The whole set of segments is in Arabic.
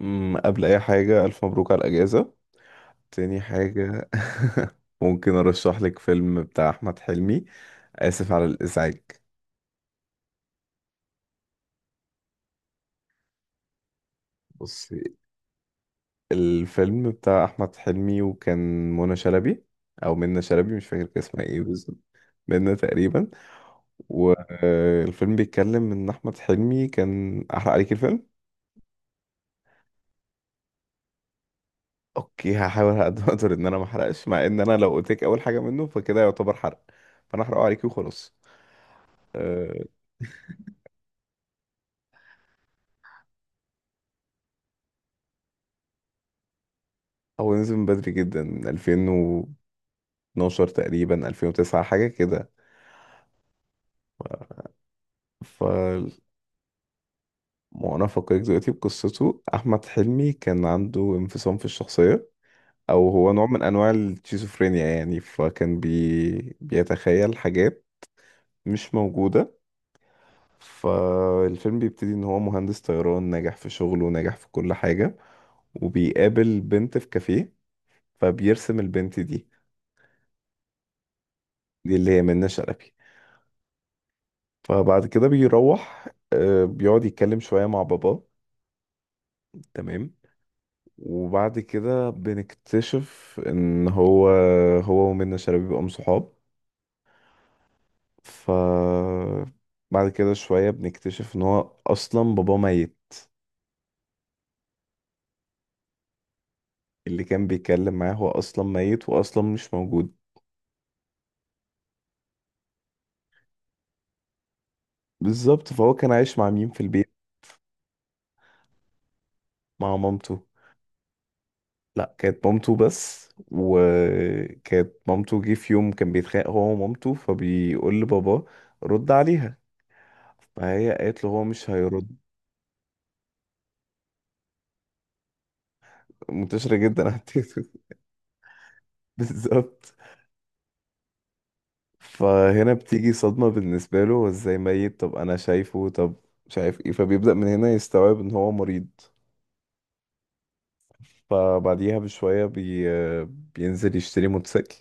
قبل اي حاجة الف مبروك على الاجازة. تاني حاجة، ممكن ارشح لك فيلم بتاع احمد حلمي. اسف على الازعاج. بص، الفيلم بتاع احمد حلمي وكان منى شلبي، او منى شلبي مش فاكر كان اسمها ايه بالظبط، منى تقريبا. والفيلم بيتكلم ان احمد حلمي كان، احرق عليك الفيلم. اوكي هحاول على قد ما اقدر ان انا ما احرقش، مع ان انا لو قلت لك اول حاجه منه فكده يعتبر حرق، فانا احرقه عليكي وخلاص. آه، هو نزل من بدري جدا، من 2012 تقريبا 2009 حاجة كده. ف وأنا أفكرك دلوقتي بقصته. أحمد حلمي كان عنده انفصام في الشخصية، أو هو نوع من أنواع الشيزوفرينيا يعني، فكان بيتخيل حاجات مش موجودة. فالفيلم بيبتدي إن هو مهندس طيران ناجح في شغله، ناجح في كل حاجة، وبيقابل بنت في كافيه، فبيرسم البنت دي. دي اللي هي منة شلبي. فبعد كده بيروح بيقعد يتكلم شوية مع باباه. تمام. وبعد كده بنكتشف ان هو ومنة شلبي بيبقوا صحاب. ف بعد كده شوية بنكتشف ان هو اصلا باباه ميت. اللي كان بيتكلم معاه هو اصلا ميت واصلا مش موجود. بالظبط. فهو كان عايش مع مين في البيت؟ مع مامته. لا كانت مامته بس، وكانت مامته جه في يوم كان بيتخانق هو ومامته، فبيقول لباباه رد عليها، فهي قالت له هو مش هيرد. منتشرة جدا على التيك توك. بالظبط. فهنا بتيجي صدمة بالنسبة له، هو ازاي ميت، طب انا شايفه، طب مش عارف ايه. فبيبدأ من هنا يستوعب ان هو مريض. فبعديها بشوية بينزل يشتري موتوسيكل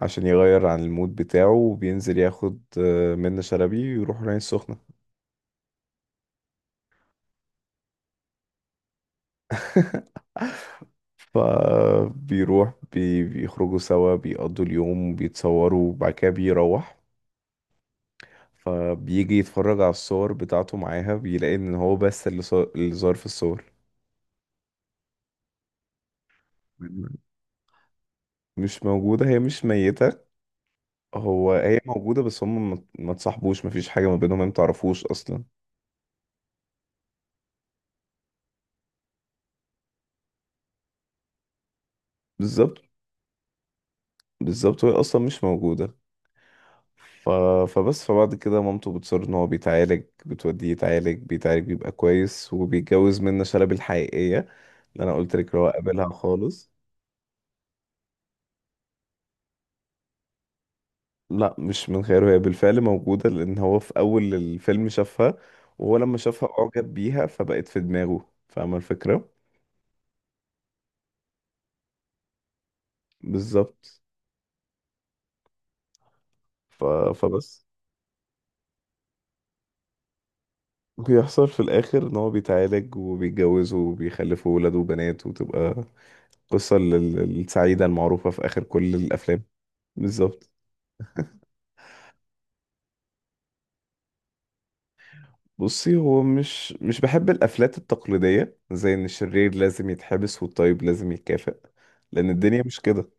عشان يغير عن المود بتاعه، وبينزل ياخد منة شلبي ويروح العين السخنة. فبيروح بيخرجوا سوا، بيقضوا اليوم، بيتصوروا، وبعد كده بيروح. فبيجي يتفرج على الصور بتاعته معاها، بيلاقي ان هو بس اللي اللي ظاهر في الصور. مش موجودة، هي مش ميتة. هو، هي موجودة، بس هم ما تصاحبوش، مفيش حاجة ما بينهم، هي متعرفوش أصلا. بالظبط بالظبط، وهي أصلا مش موجودة. ف... فبعد كده مامته بتصر إن هو بيتعالج، بتوديه يتعالج، بيتعالج، بيبقى كويس، وبيتجوز منة شلبي الحقيقية اللي أنا قلت لك اللي هو قابلها خالص. لا مش من خيره، هي بالفعل موجودة، لأن هو في أول الفيلم شافها، وهو لما شافها أعجب بيها، فبقت في دماغه. فاهمة الفكرة؟ بالظبط. ف... فبس بيحصل في الآخر إن هو بيتعالج، وبيتجوزوا، وبيخلفوا ولاد وبنات، وتبقى قصة السعيدة المعروفة في آخر كل الأفلام. بالظبط. بصي، هو مش بحب الافلات التقليديه زي ان الشرير لازم يتحبس والطيب لازم يتكافئ، لان الدنيا مش كده.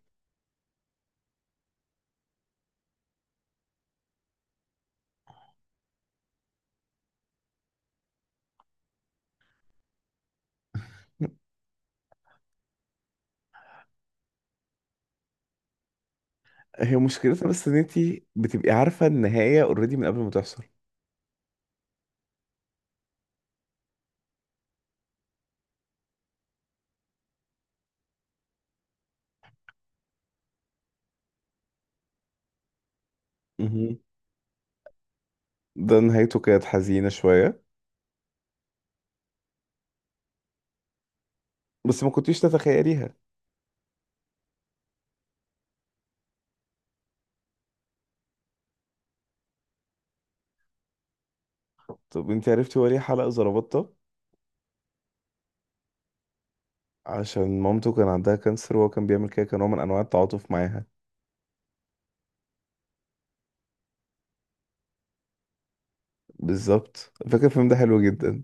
هي مشكلتها بس ان انتي بتبقي عارفة النهاية اوريدي من قبل ما تحصل. مهم. ده نهايته كانت حزينة شوية. بس ما كنتيش تتخيليها. طب انتي عرفتي هو ليه حلق زربطة؟ عشان مامته كان عندها كانسر، وهو كان بيعمل كده، كان نوع من انواع التعاطف معاها. بالظبط. فاكر الفيلم ده حلو جدا.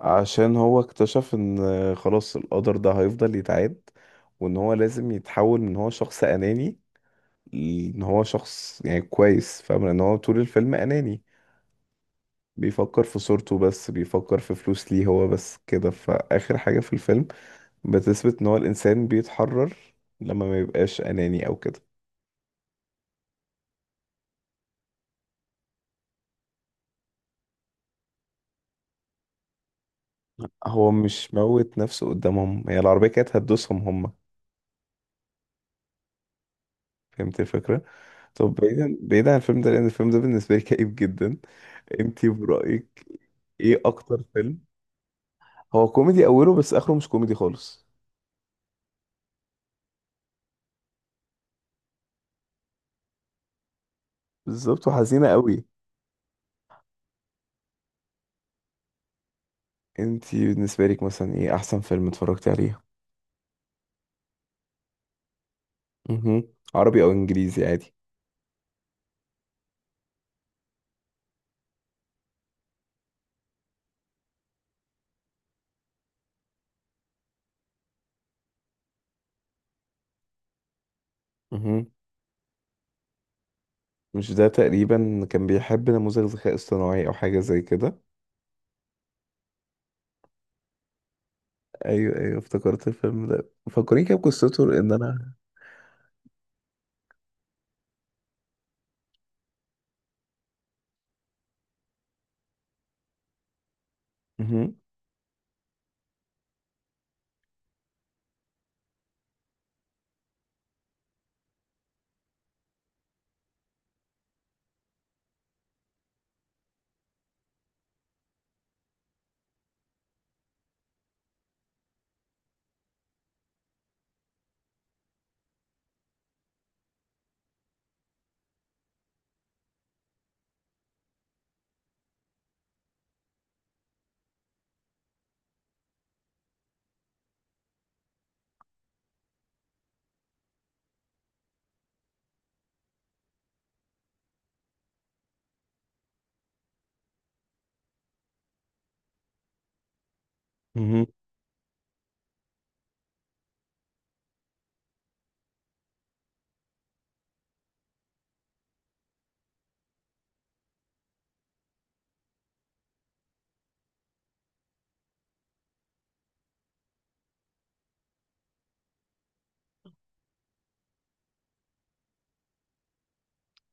عشان هو اكتشف ان خلاص القدر ده هيفضل يتعاد، وان هو لازم يتحول من هو شخص اناني. ان هو شخص يعني كويس. فاهم ان هو طول الفيلم اناني، بيفكر في صورته بس، بيفكر في فلوس ليه هو بس كده. فآخر حاجة في الفيلم بتثبت ان هو الانسان بيتحرر لما ما يبقاش اناني او كده. هو مش موت نفسه قدامهم، هي العربية كانت هتدوسهم هم. فهمت الفكرة. طب بعيدا عن الفيلم ده، لان الفيلم ده بالنسبة لي كئيب جدا. انتي برأيك ايه اكتر فيلم؟ هو كوميدي اوله بس اخره مش كوميدي خالص. بالظبط، وحزينة قوي. انتي بالنسبة لك مثلا ايه احسن فيلم اتفرجتي عليه؟ مهم. عربي او انجليزي عادي. مهم. مش ده تقريبا كان بيحب نموذج ذكاء اصطناعي او حاجه زي كده؟ ايوه ايوه، افتكرت الفيلم ده، فكرني كده بقصته لان انا. مهم. مهم.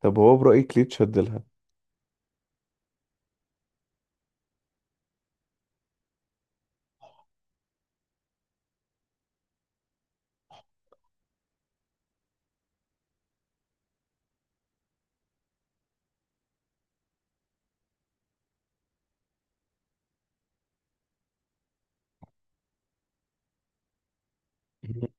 طب هو برايك ليه اتشد لها؟ مهم.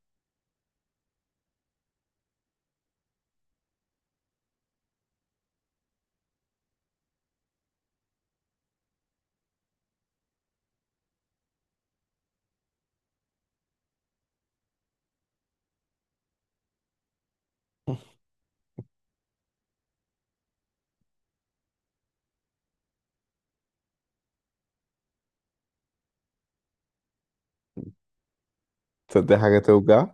تصدق حاجه توجع.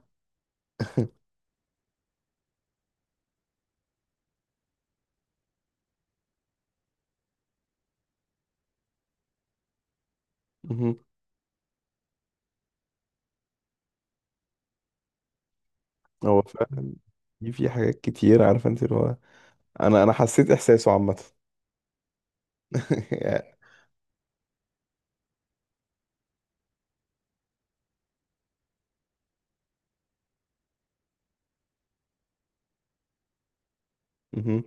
مهم. هو فعلا. في حاجات كتير عارفه انت اللي هو، انا حسيت احساسه عامه. يعني. مهم.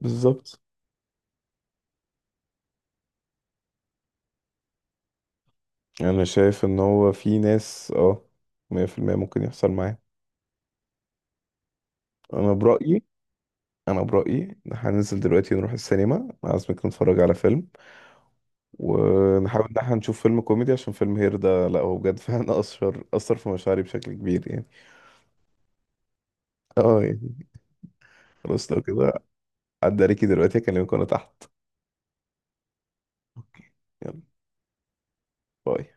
بالظبط. انا شايف ان هو في ناس، اه، 100% ممكن يحصل معاه. انا برايي. انا برايي إن إحنا هننزل دلوقتي نروح السينما، عايزك نتفرج على فيلم، ونحاول ان احنا نشوف فيلم كوميدي، عشان فيلم هير ده لا، هو بجد فعلا اثر في مشاعري بشكل كبير يعني. اه يعني خلاص لو كده. عدى عليكي دلوقتي اكلمك وانا تحت. اوكي. يلا. باي.